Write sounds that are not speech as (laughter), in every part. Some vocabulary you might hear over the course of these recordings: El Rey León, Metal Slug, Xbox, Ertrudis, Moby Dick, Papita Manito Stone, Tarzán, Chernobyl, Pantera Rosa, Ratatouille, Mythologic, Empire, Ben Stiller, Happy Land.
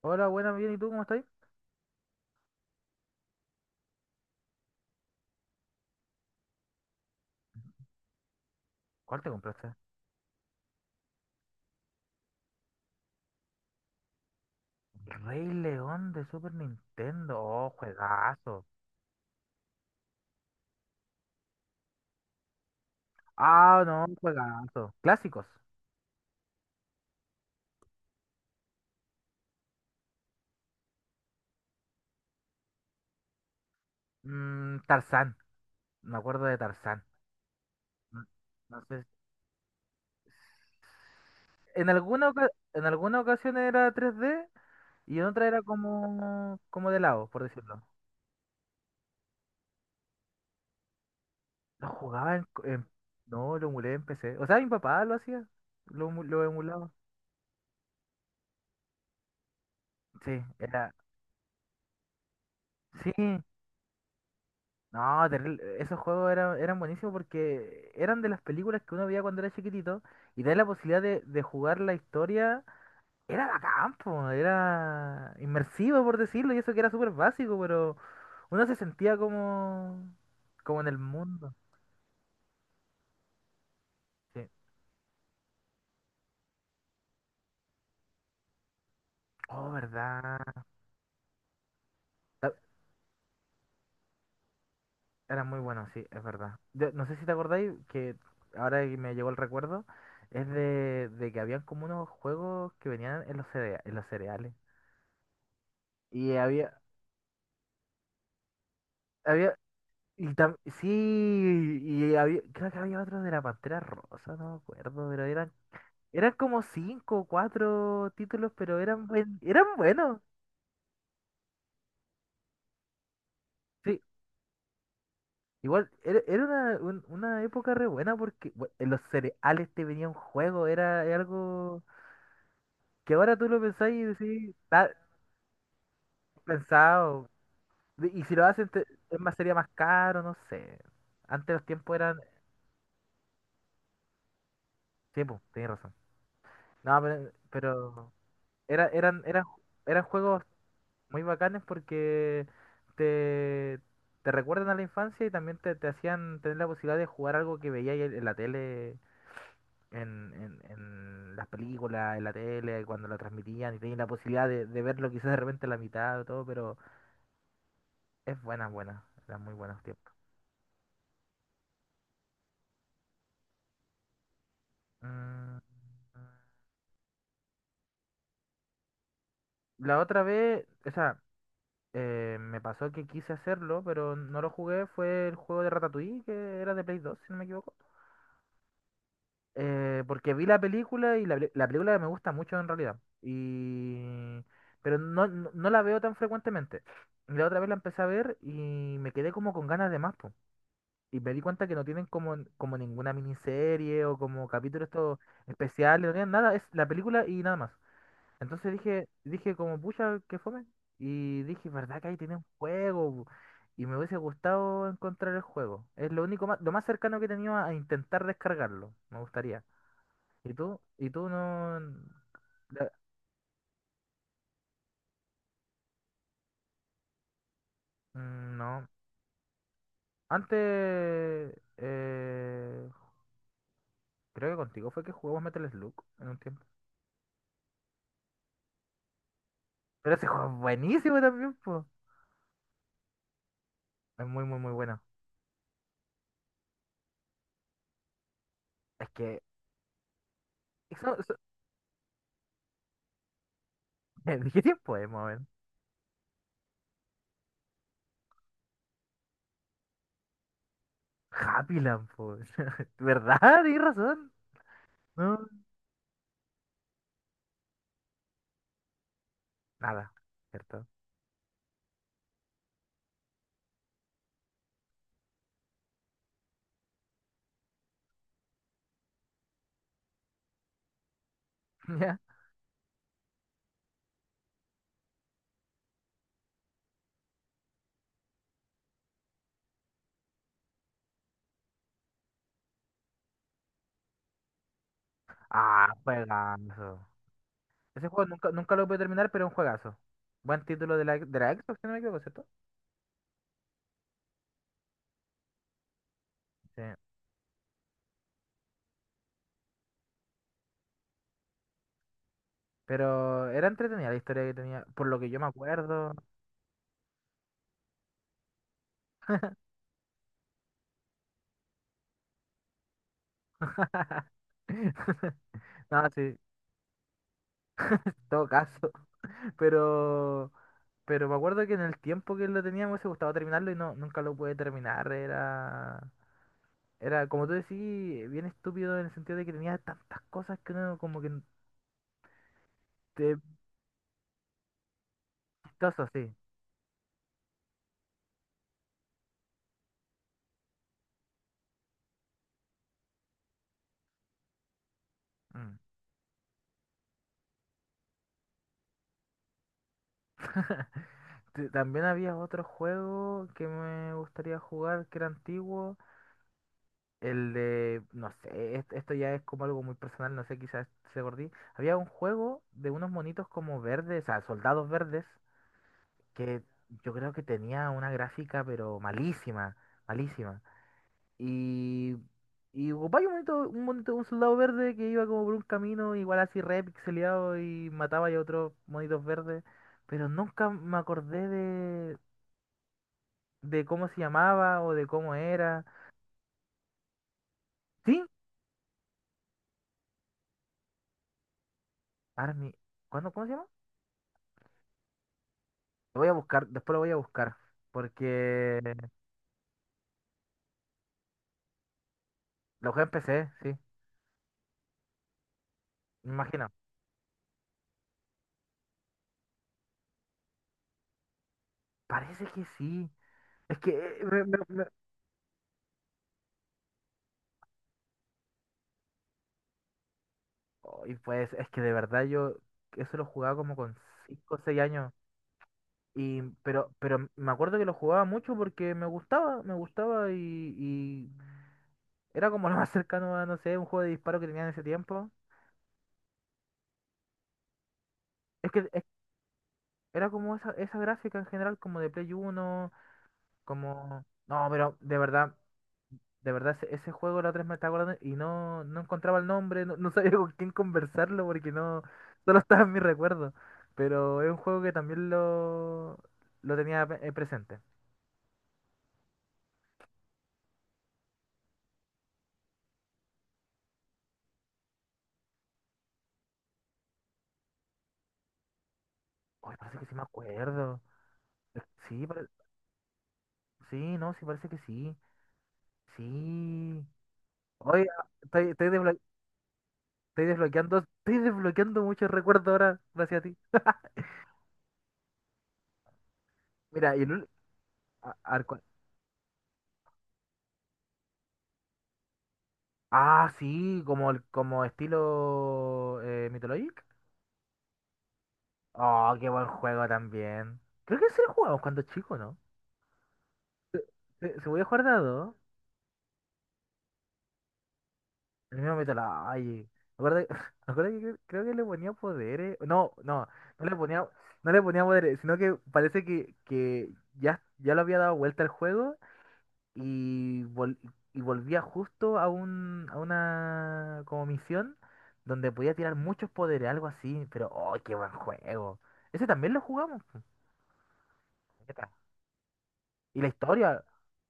Hola, buena bien, ¿y tú cómo estás? ¿Cuál te compraste? El Rey León de Super Nintendo. Oh, juegazo. Ah, no, juegazo. Clásicos. Mm, Tarzán. Me acuerdo de Tarzán. Mm, no sé. En alguna ocasión era 3D y en otra era como de lado, por decirlo. Lo jugaba en, co- en- No, lo emulé en PC. O sea, mi papá lo hacía. Lo emulaba. Sí, era... Sí. No, terrible. Esos juegos eran buenísimos porque eran de las películas que uno veía cuando era chiquitito y tener la posibilidad de jugar la historia era bacán, po, era inmersivo por decirlo y eso que era súper básico, pero uno se sentía como en el mundo. Sí. Oh, verdad. Ah, era muy bueno, sí, es verdad. No sé si te acordáis que ahora que me llegó el recuerdo, es de que habían como unos juegos que venían en los cereales y había... Había, sí, y había, creo que había otros de la Pantera Rosa, no me acuerdo, pero eran como cinco o cuatro títulos, pero eran buenos. Sí, igual, era una época re buena porque en los cereales te venía un juego, era algo que ahora tú lo pensás y decís, está pensado. Y si lo hacen, es más, sería más caro, no sé. Antes los tiempos eran. Sí, pues, tenés razón. No, pero era, eran, eran, eran juegos muy bacanes porque te, te recuerdan a la infancia y también te hacían tener la posibilidad de jugar algo que veías en la tele, en las películas, en la tele, cuando la transmitían y tenías la posibilidad de verlo quizás de repente a la mitad o todo, pero es buena, buena, eran muy buenos tiempos. Mm, la otra vez, o sea, me pasó que quise hacerlo, pero no lo jugué, fue el juego de Ratatouille, que era de Play 2 si no me equivoco. Porque vi la película y la película me gusta mucho en realidad. Pero no la veo tan frecuentemente. Y la otra vez la empecé a ver y me quedé como con ganas de más, po. Y me di cuenta que no tienen como ninguna miniserie o como capítulos estos especiales, no tienen nada, es la película y nada más. Entonces dije como, pucha, que fome. Y dije, ¿verdad que ahí tienen juego? Y me hubiese gustado encontrar el juego. Es lo único más, lo más cercano que he tenido a intentar descargarlo. Me gustaría. ¿Y tú no? de- mm, no. Antes. Creo que contigo fue que jugamos Metal Slug en un tiempo. Pero ese juego es buenísimo también, pues. Es muy, muy, muy bueno. Es que... Eso, eso- (laughs) ¿De qué tiempo es, más o menos? Happy Land, pues. (laughs) ¿Verdad? Tienes razón. No. Nada. ¿Cierto? (laughs) Ya. Ah, juegazo. Ese juego nunca, nunca lo pude terminar, pero es un juegazo. Buen título de la Xbox, si no me equivoco, ¿cierto? Sí. Pero era entretenida la historia que tenía, por lo que yo me acuerdo. (laughs) No, sí, en todo caso. (laughs) Pero, pero me acuerdo que en el tiempo que lo tenía me hubiese gustado terminarlo y no, nunca lo pude terminar. Era, como tú decís, bien estúpido en el sentido de que tenía tantas cosas que uno como que te vistoso, sí. Mm. (laughs) También había otro juego que me gustaría jugar que era antiguo. El de, no sé, esto ya es como algo muy personal, no sé, quizás se gordí. Había un juego de unos monitos como verdes, o sea, soldados verdes, que yo creo que tenía una gráfica, pero malísima, malísima. Y, y ocupaba un monito, un monito, un soldado verde que iba como por un camino, igual así re pixeleado y mataba a otros monitos verdes, pero nunca me acordé de cómo se llamaba o de cómo era. ¿Sí? Army, ¿cuándo, cómo se llama? Lo voy a buscar, después lo voy a buscar, porque lo jugué en PC, sí, me imagino. Parece que sí. Es que me- me- me- Ay, pues, es que de verdad yo eso lo jugaba como con 5 o 6 años. Pero me acuerdo que lo jugaba mucho porque me gustaba y era como (laughs) lo más cercano a, no sé, un juego de disparo que tenía en ese tiempo. Es que era como esa gráfica en general, como de Play 1. No, pero de verdad. De verdad, ese juego la otra vez me estaba acordando y no encontraba el nombre, no (laughs) sabía con quién conversarlo porque no, solo estaba en mi recuerdo. Pero es un juego que también lo tenía presente. Oye, parece que sí me acuerdo. Eh, Sí, pare- sí, no, sí, parece que sí. Sí. Oye, ah, estoy desbloqueando muchos recuerdos ahora gracias a ti. Mira, y el ul- a ver cuál- ah, sí, como estilo Mythologic. Oh, qué buen juego también. Creo que ese lo jugamos cuando chico, ¿no? Se voy a jugar de a dos. El mismo meto la. Ay. Me acuerdo, que- (laughs) Me acuerdo que creo que le ponía poderes. No, no le ponía, no le ponía poderes, sino que parece que ya lo había dado vuelta al juego y, vol- y volvía justo a una como misión donde podía tirar muchos poderes, algo así. Pero, oh, qué buen juego. Ese también lo jugamos. ¿No? Y la historia,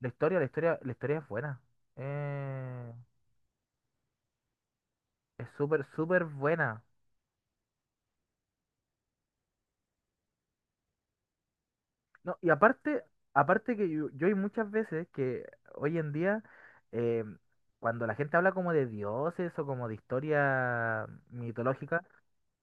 la historia, la historia, la historia es buena. Eh, es súper, súper buena. No, y aparte que yo hay muchas veces que hoy en día, eh, cuando la gente habla como de dioses o como de historia mitológica,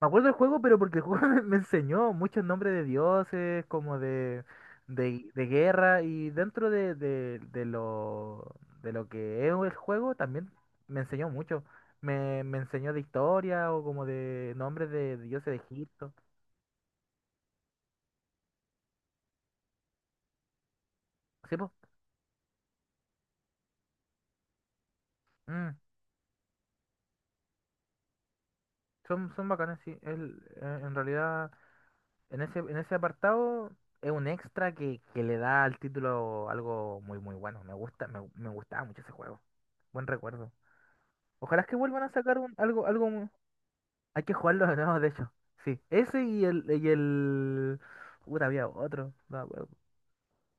me acuerdo del juego, pero porque el juego (laughs) me enseñó muchos nombres de dioses, como de guerra, y dentro de lo que es el juego también me enseñó mucho. Me enseñó de historia o como de nombres de dioses de Egipto. Sí, pues, son bacanas, sí. En realidad, en ese apartado es un extra que le da al título algo muy, muy bueno. Me gusta, me gustaba mucho ese juego. Buen recuerdo. Ojalá que vuelvan a sacar algo. Hay que jugarlo de nuevo, de hecho. Sí, ese y el. Puta, había otro. No me acuerdo.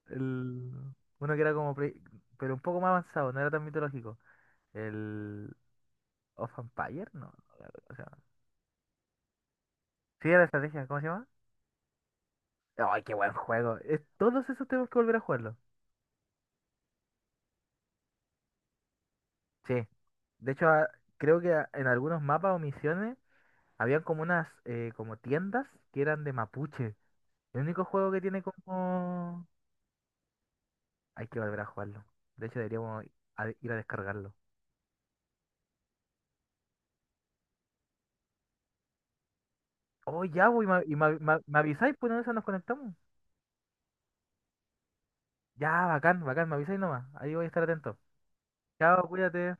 El... Uno que era como. Pero un poco más avanzado, no era tan mitológico. El. Of Empire, no. O sea, sí, era estrategia, ¿cómo se llama? ¡Ay, qué buen juego! Todos esos tenemos que volver a jugarlo. Sí. De hecho, creo que en algunos mapas o misiones habían como unas como tiendas que eran de mapuche. El único juego que tiene como. Hay que volver a jugarlo. De hecho, deberíamos ir a descargarlo. Oh, ya, voy, y me avisáis, pues, en esa nos conectamos. Ya, bacán, bacán, me avisáis nomás. Ahí voy a estar atento. Chao, cuídate.